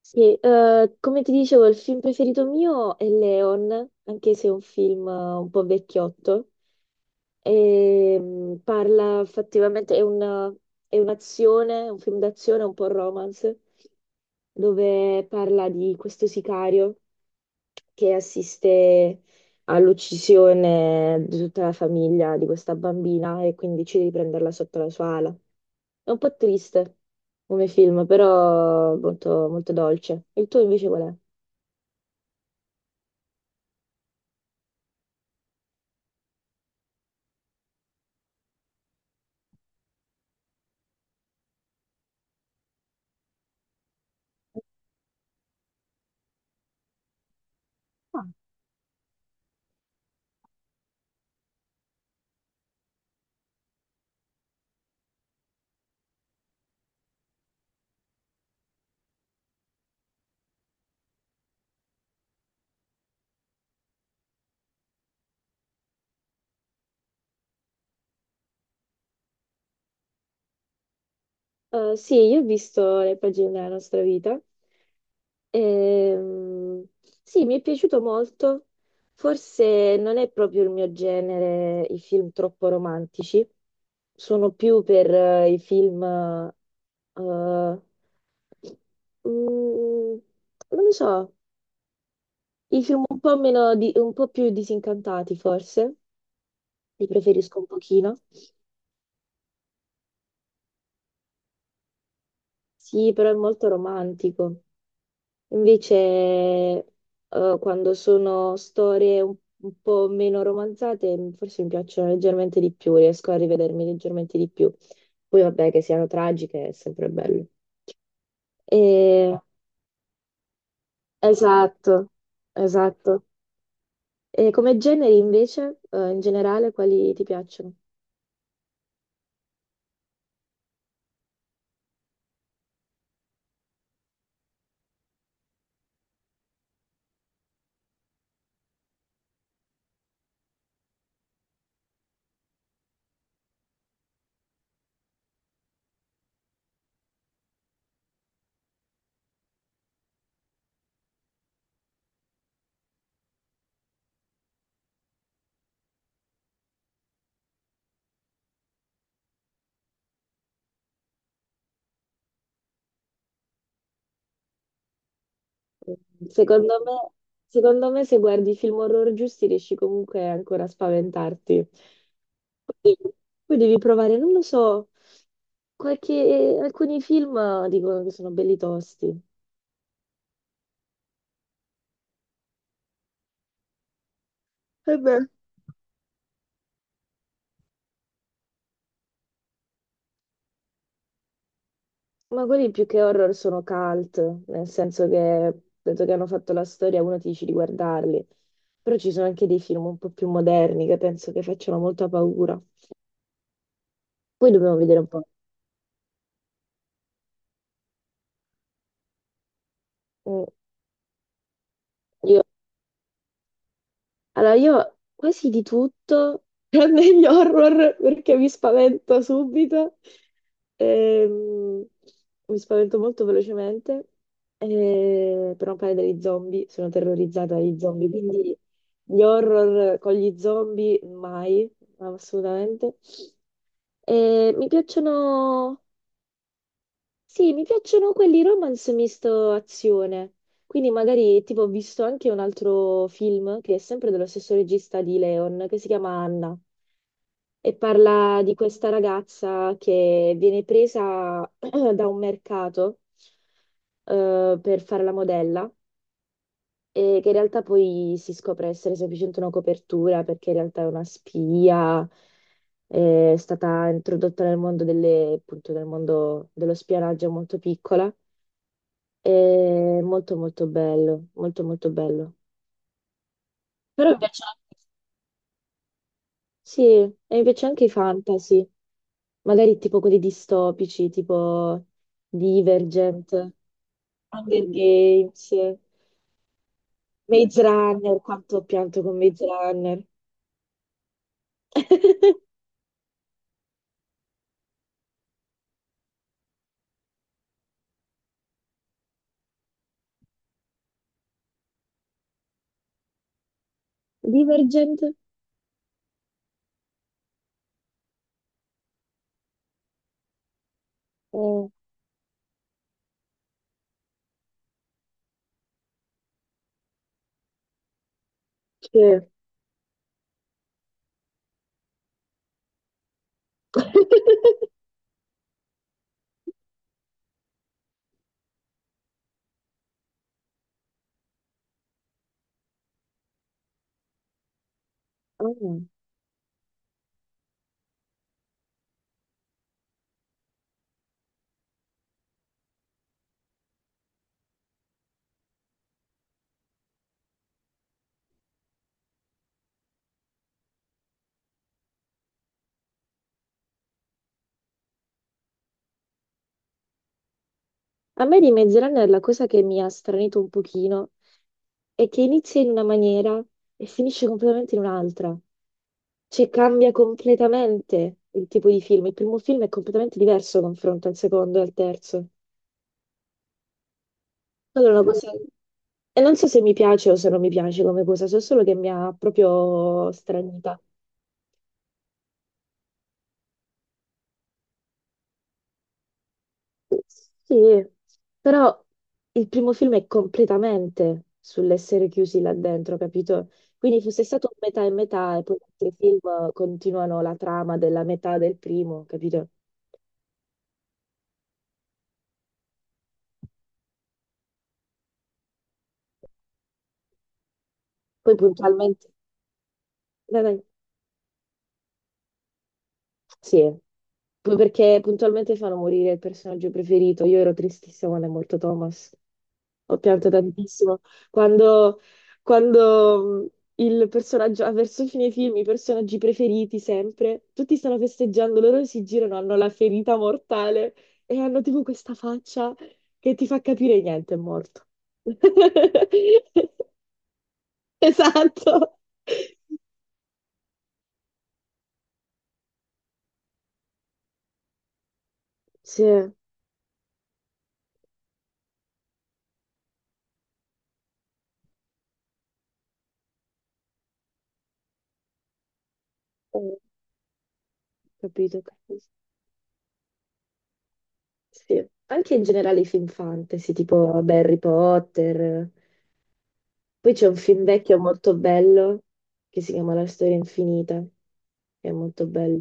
Sì, come ti dicevo, il film preferito mio è Leon, anche se è un film un po' vecchiotto. Parla effettivamente, è un'azione, un film d'azione, un po' romance, dove parla di questo sicario che assiste all'uccisione di tutta la famiglia di questa bambina e quindi decide di prenderla sotto la sua ala. È un po' triste come film, però molto, molto dolce. Il tuo invece qual è? Ah. Sì, io ho visto le pagine della nostra vita. Ehm, sì, mi è piaciuto molto. Forse non è proprio il mio genere i film troppo romantici. Sono più per i film, mm, non lo so, i film un po' un po' più disincantati, forse. Li preferisco un pochino. Sì, però è molto romantico. Invece, quando sono storie un po' meno romanzate, forse mi piacciono leggermente di più, riesco a rivedermi leggermente di più. Poi vabbè, che siano tragiche è sempre bello. E- Esatto, esatto. E come generi invece, in generale, quali ti piacciono? Secondo me, secondo me se guardi i film horror giusti riesci comunque ancora a spaventarti. Poi, poi devi provare, non lo so, alcuni film dicono che sono belli tosti. E beh, ma quelli più che horror sono cult, nel senso che dato che hanno fatto la storia uno ti dice di guardarli. Però ci sono anche dei film un po' più moderni che penso che facciano molta paura. Poi dobbiamo vedere un po'. Mm. Io allora, io quasi di tutto, tranne gli horror perché mi spavento subito. Ehm, mi spavento molto velocemente. Per non parlare degli zombie, sono terrorizzata dagli zombie, quindi gli horror con gli zombie mai, assolutamente. Mi piacciono sì, mi piacciono quelli romance misto azione. Quindi magari, tipo, ho visto anche un altro film che è sempre dello stesso regista di Leon, che si chiama Anna, e parla di questa ragazza che viene presa da un mercato per fare la modella e che in realtà poi si scopre essere semplicemente una copertura perché in realtà è una spia, è stata introdotta nel mondo delle, appunto, nel mondo dello spionaggio molto piccola. È molto bello, molto bello. Però mi piace anche, sì, e mi piace anche i fantasy, magari tipo quelli distopici, tipo Divergent, Hunger Games, Maze Runner, quanto ho pianto con Maze Runner. Divergent? Eh, sì. Oh. A me di Maze Runner la cosa che mi ha stranito un pochino è che inizia in una maniera e finisce completamente in un'altra. Cioè, cambia completamente il tipo di film. Il primo film è completamente diverso confronto al secondo e al terzo. Allora, una cosa... E non so se mi piace o se non mi piace come cosa, so solo che mi ha proprio stranita. Sì, però il primo film è completamente sull'essere chiusi là dentro, capito? Quindi fosse stato un metà e metà e poi gli altri film continuano la trama della metà del primo, capito? Poi puntualmente... Dai, dai. Sì. Poi perché puntualmente fanno morire il personaggio preferito. Io ero tristissima quando è morto Thomas. Ho pianto tantissimo. Quando, quando il personaggio, ah, verso fine film, i personaggi preferiti sempre, tutti stanno festeggiando, loro si girano, hanno la ferita mortale e hanno tipo questa faccia che ti fa capire niente, è morto. Esatto. Sì, ho capito, capito. Sì, anche in generale i film fantasy, tipo beh, Harry Potter. Poi c'è un film vecchio molto bello che si chiama La storia infinita, che è molto bello.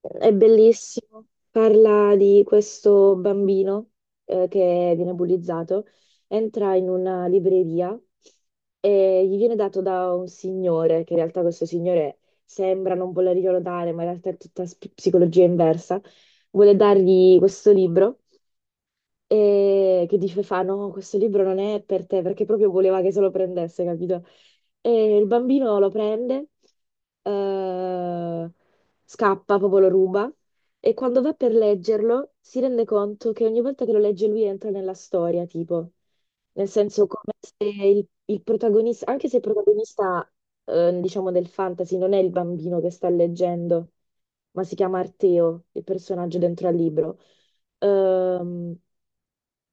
È bellissimo, parla di questo bambino che viene bullizzato, entra in una libreria e gli viene dato da un signore, che in realtà questo signore sembra non volerglielo dare, ma in realtà è tutta psicologia inversa, vuole dargli questo libro e che dice fa no, questo libro non è per te perché proprio voleva che se lo prendesse, capito? E il bambino lo prende, eh, scappa, proprio lo ruba e quando va per leggerlo si rende conto che ogni volta che lo legge lui entra nella storia, tipo, nel senso come se il protagonista, anche se il protagonista, diciamo, del fantasy non è il bambino che sta leggendo ma si chiama Arteo, il personaggio dentro al libro. Ehm,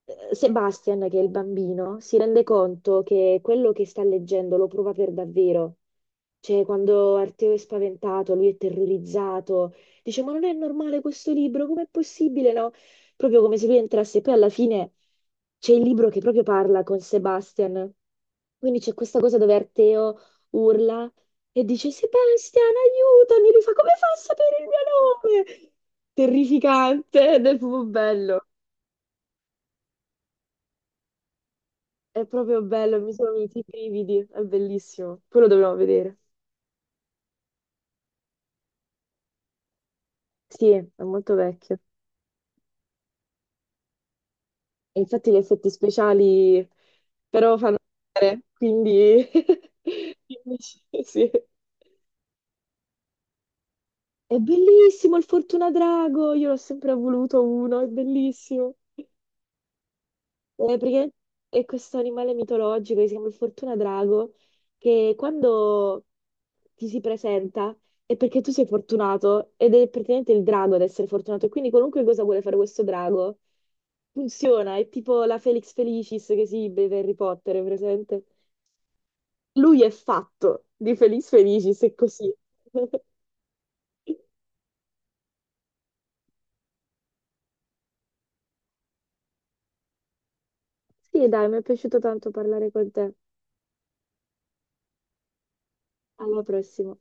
Sebastian, che è il bambino, si rende conto che quello che sta leggendo lo prova per davvero. Cioè, quando Arteo è spaventato, lui è terrorizzato, dice: Ma non è normale questo libro, com'è possibile? No? Proprio come se lui entrasse. Poi alla fine c'è il libro che proprio parla con Sebastian. Quindi c'è questa cosa dove Arteo urla e dice: Sebastian, aiutami! Lui fa: Come fa a sapere il mio nome? Terrificante, ed è proprio bello. È proprio bello, mi sono venuti i brividi, è bellissimo. Poi lo dobbiamo vedere. Sì, è molto vecchio. E infatti gli effetti speciali però fanno male, quindi... quindi sì, sì. È bellissimo il Fortuna Drago, io l'ho sempre voluto uno, è bellissimo. Perché è questo animale mitologico che si chiama il Fortuna Drago, che quando ti si presenta è perché tu sei fortunato ed è praticamente il drago ad essere fortunato. E quindi qualunque cosa vuole fare questo drago funziona, è tipo la Felix Felicis che si beve Harry Potter, è presente? Lui è fatto di Felix Felicis, è così. Sì, dai, mi è piaciuto tanto parlare con te. Alla prossima.